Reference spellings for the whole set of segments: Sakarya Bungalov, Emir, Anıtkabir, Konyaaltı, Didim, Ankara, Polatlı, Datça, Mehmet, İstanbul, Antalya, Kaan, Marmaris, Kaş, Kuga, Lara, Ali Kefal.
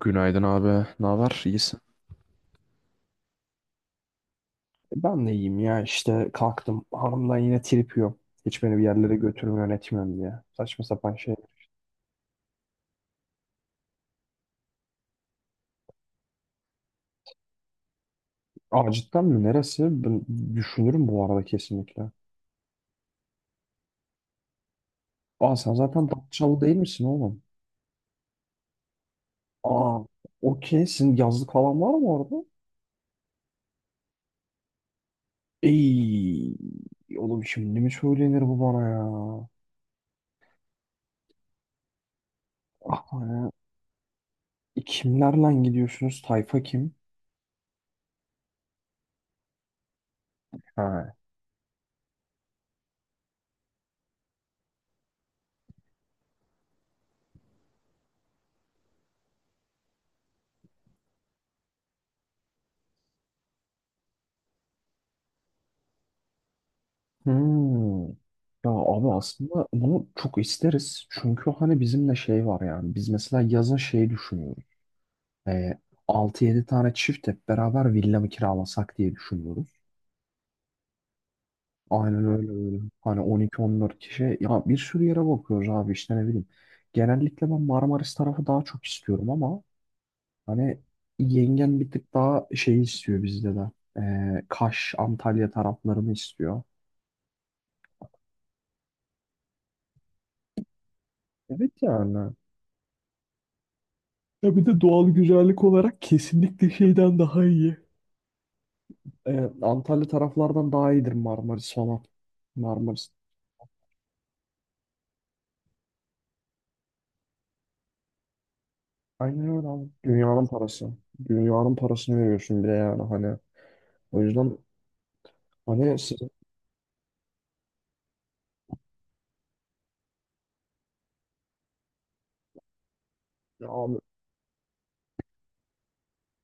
Günaydın abi. Ne haber? İyisin. Ben de iyiyim ya işte kalktım. Hanımdan yine trip yiyorum. Hiç beni bir yerlere götürmüyor etmiyorum diye. Saçma sapan şey. Aa cidden mi? Neresi? Ben düşünürüm bu arada kesinlikle. Aa sen zaten Datçalı değil misin oğlum? Aa okey. Senin yazlık falan var mı orada? Ey oğlum şimdi mi söylenir bu bana ya? Ah, ya. Kimlerle gidiyorsunuz? Tayfa kim? Ha, hmm. Ya abi aslında bunu çok isteriz. Çünkü hani bizimle şey var yani. Biz mesela yazın şey düşünüyoruz. Ee, 6-7 tane çift hep beraber villa mı kiralasak diye düşünüyoruz. Aynen öyle öyle. Hani 12 14 kişi. Ya bir sürü yere bakıyoruz abi işte ne bileyim. Genellikle ben Marmaris tarafı daha çok istiyorum ama hani yengen bir tık daha şey istiyor bizde de. Kaş, Antalya taraflarını istiyor. Evet yani. Ya bir de doğal güzellik olarak kesinlikle şeyden daha iyi. Antalya taraflardan daha iyidir Marmaris falan. Marmaris. Aynen öyle abi. Dünyanın parası. Dünyanın parasını veriyorsun bile yani hani. O yüzden hani sizin ya abi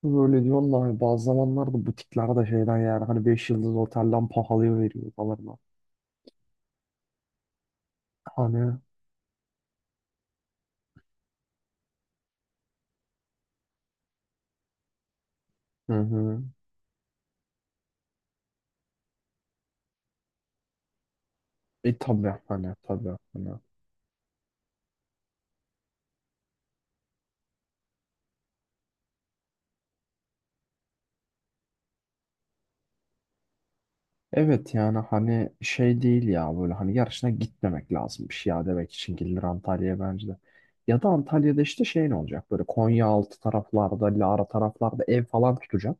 böyle diyorsun da hani bazı zamanlarda butiklerde de şeyden yani hani 5 yıldız otelden pahalıya veriyor falan. Da. Hani hı hı. E tabii hani tabii hani. Evet yani hani şey değil ya böyle hani yarışına gitmemek lazımmış ya demek için gelir Antalya'ya bence de. Ya da Antalya'da işte şey ne olacak böyle Konyaaltı taraflarda, Lara taraflarda ev falan tutacak.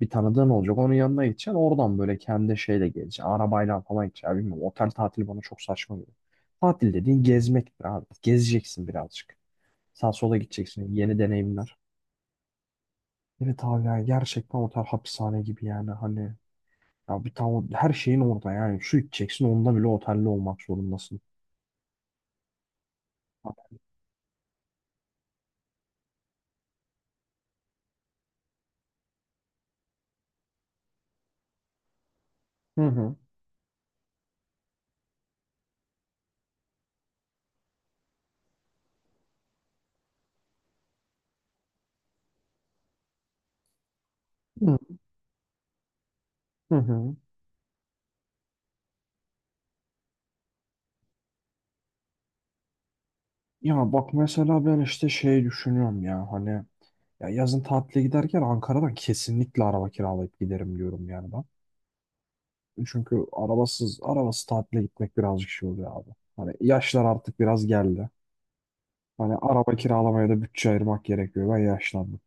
Bir tanıdığın olacak onun yanına gideceksin oradan böyle kendi şeyle geleceksin arabayla falan gideceksin bilmiyorum otel tatili bana çok saçma geliyor. Tatil dediğin gezmektir abi gezeceksin birazcık. Sağ sola gideceksin yeni deneyimler. Evet abi yani gerçekten otel hapishane gibi yani hani ya bir tane her şeyin orada yani şu içeceksin onda bile otelli olmak zorundasın. Hı hı. Hı hı. hı. Ya bak mesela ben işte şey düşünüyorum ya hani ya yazın tatile giderken Ankara'dan kesinlikle araba kiralayıp giderim diyorum yani ben. Çünkü arabasız arabası tatile gitmek birazcık şey oluyor abi. Hani yaşlar artık biraz geldi. Hani araba kiralamaya da bütçe ayırmak gerekiyor. Ben yaşlandım.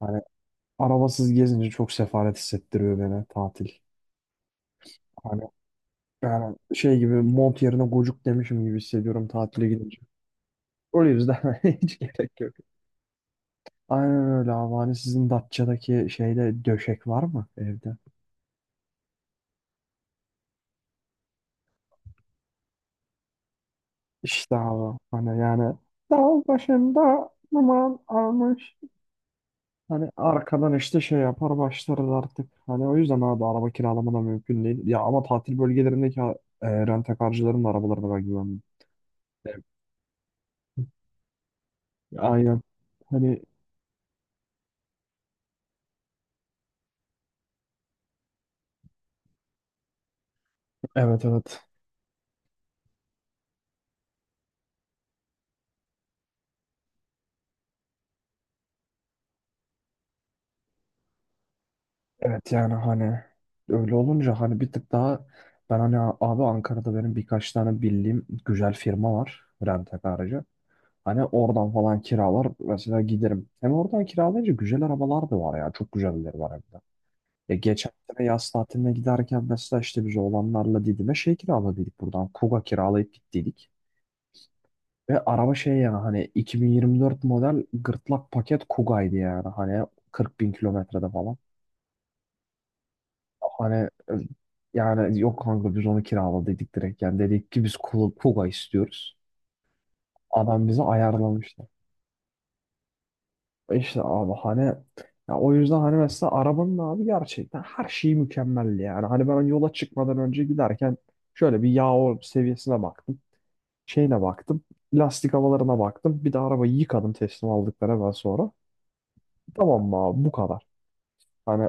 Hani arabasız gezince çok sefalet hissettiriyor beni tatil. Hani yani şey gibi mont yerine gocuk demişim gibi hissediyorum tatile gidince. O yüzden hiç gerek yok. Aynen öyle abi. Hani sizin Datça'daki şeyde döşek var mı evde? İşte abi. Hani yani dağ başında aman almış. Hani arkadan işte şey yapar başlarız artık. Hani o yüzden abi araba kiralama da mümkün değil. Ya ama tatil bölgelerindeki rent da arabalarına ben güvenmiyorum. Evet. Aynen. Hani evet evet. Evet yani hani öyle olunca hani bir tık daha ben hani abi Ankara'da benim birkaç tane bildiğim güzel firma var rentek aracı. Hani oradan falan kiralar mesela giderim. Hem oradan kiralayınca güzel arabalar da var ya çok güzelleri var hem de. Ya geçen sene yaz tatiline giderken mesela işte biz oğlanlarla Didim'e şey kiraladık buradan Kuga kiralayıp gittiydik. Ve araba şey yani hani 2024 model gırtlak paket Kuga'ydı yani hani 40 bin kilometrede falan. Hani yani yok kanka biz onu kiraladık direkt. Yani dedik ki biz Kuga Kuga istiyoruz. Adam bizi ayarlamıştı. E İşte abi hani ya o yüzden hani mesela arabanın abi gerçekten her şeyi mükemmeldi yani. Hani ben yola çıkmadan önce giderken şöyle bir seviyesine baktım. Şeyine baktım. Lastik havalarına baktım. Bir de arabayı yıkadım teslim aldıkları hemen sonra. Tamam mı abi bu kadar. Hani,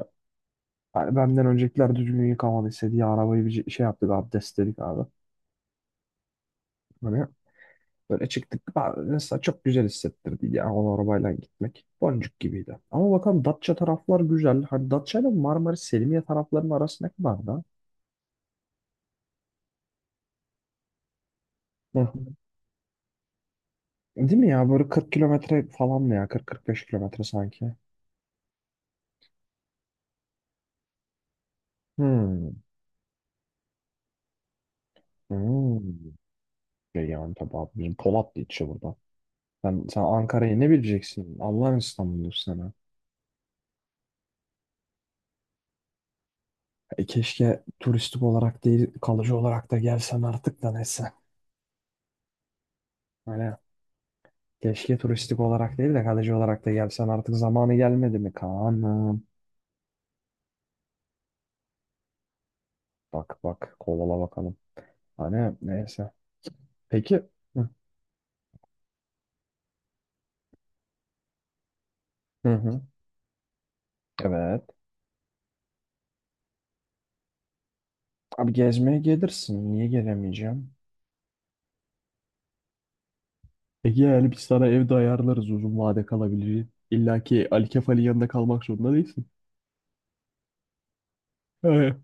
hani benden öncekiler düzgün yıkamadıysa diye arabayı bir şey yaptık abdestledik abi. Hani böyle çıktık. Ben mesela çok güzel hissettirdi ya o arabayla gitmek. Boncuk gibiydi. Ama bakalım Datça taraflar güzel. Hani Datça ile Marmaris Selimiye taraflarının arası ne kadar da? Hı hı. Değil mi ya? Böyle 40 kilometre falan mı ya? 40-45 kilometre sanki. Hmm. Hmm. Şey yani tabii abi bizim Polatlı içi burada. Sen Ankara'yı ne bileceksin? Allah'ın İstanbul'u sana. E keşke turistik olarak değil kalıcı olarak da gelsen artık da neyse. Hani. Keşke turistik olarak değil de kalıcı olarak da gelsen artık zamanı gelmedi mi Kaan'ım? Bak bak kovala bakalım. Hani neyse. Peki. Hı hı. hı. Evet. Abi gezmeye gelirsin. Niye gelemeyeceğim? Ege yani biz sana evde ayarlarız uzun vade kalabilir. İlla ki Ali Kefal'in yanında kalmak zorunda değilsin.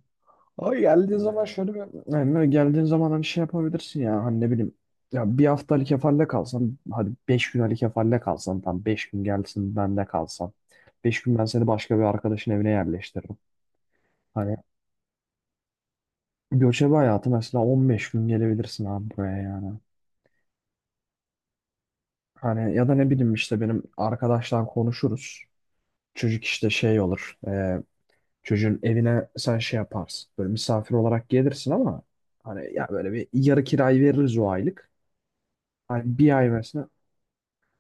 Ama geldiğin zaman şöyle bir yani böyle geldiğin zaman hani şey yapabilirsin ya hani ne bileyim ya bir hafta Ali Kefal'le kalsan hadi 5 gün Ali Kefal'le kalsan tam 5 gün gelsin bende kalsan 5 gün ben seni başka bir arkadaşın evine yerleştiririm. Hani göçebe hayatı mesela 15 gün gelebilirsin abi buraya yani. Hani ya da ne bileyim işte benim arkadaşlar konuşuruz. Çocuk işte şey olur. Çocuğun evine sen şey yaparsın. Böyle misafir olarak gelirsin ama hani ya böyle bir yarı kirayı veririz o aylık. Ay bir ay mesela.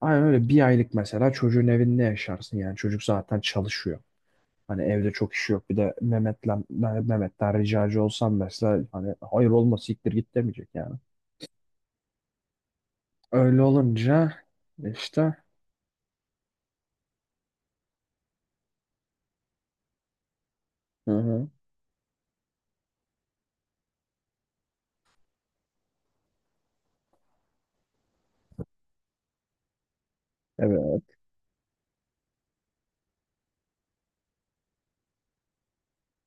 Ay öyle bir aylık mesela çocuğun evinde yaşarsın yani. Çocuk zaten çalışıyor. Hani evde çok işi yok. Bir de Mehmet'ten ricacı olsam mesela hani hayır olma siktir git demeyecek yani. Öyle olunca işte hı hı. Evet.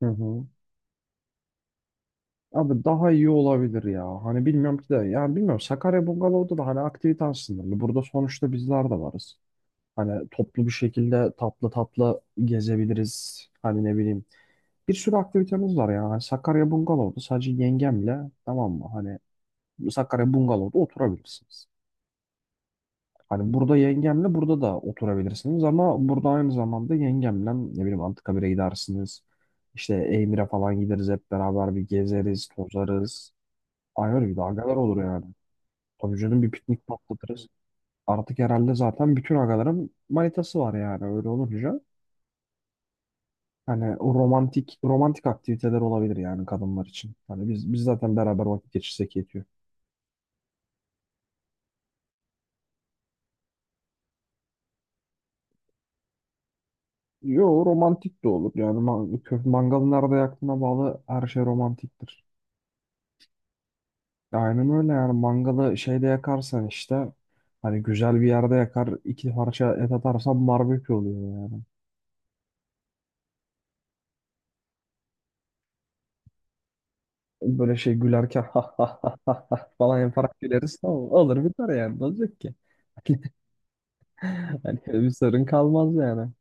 Hı hı. Abi daha iyi olabilir ya. Hani bilmiyorum ki de yani bilmiyorum Sakarya Bungalov'da da hani aktivite aslında. Hani burada sonuçta bizler de varız. Hani toplu bir şekilde tatlı tatlı gezebiliriz. Hani ne bileyim bir sürü aktivitemiz var ya. Hani Sakarya Bungalov'da sadece yengemle tamam mı? Hani Sakarya Bungalov'da oturabilirsiniz. Hani burada yengemle burada da oturabilirsiniz ama burada aynı zamanda yengemle ne bileyim Anıtkabir'e gidersiniz. İşte Emir'e falan gideriz hep beraber bir gezeriz, tozarız. Ay öyle bir de agalar olur yani. Tabii canım bir piknik patlatırız. Artık herhalde zaten bütün agaların manitası var yani öyle olunca. Hani o romantik romantik aktiviteler olabilir yani kadınlar için. Hani biz zaten beraber vakit geçirsek yetiyor. Yo romantik de olur yani mangalı nerede yaktığına bağlı her şey romantiktir. Aynen öyle yani mangalı şeyde yakarsan işte hani güzel bir yerde yakar iki parça et atarsan barbekü oluyor yani. Böyle şey gülerken ha ha ha ha ha falan yaparak güleriz tamam olur biter yani ne olacak ki? Hani bir sorun kalmaz yani.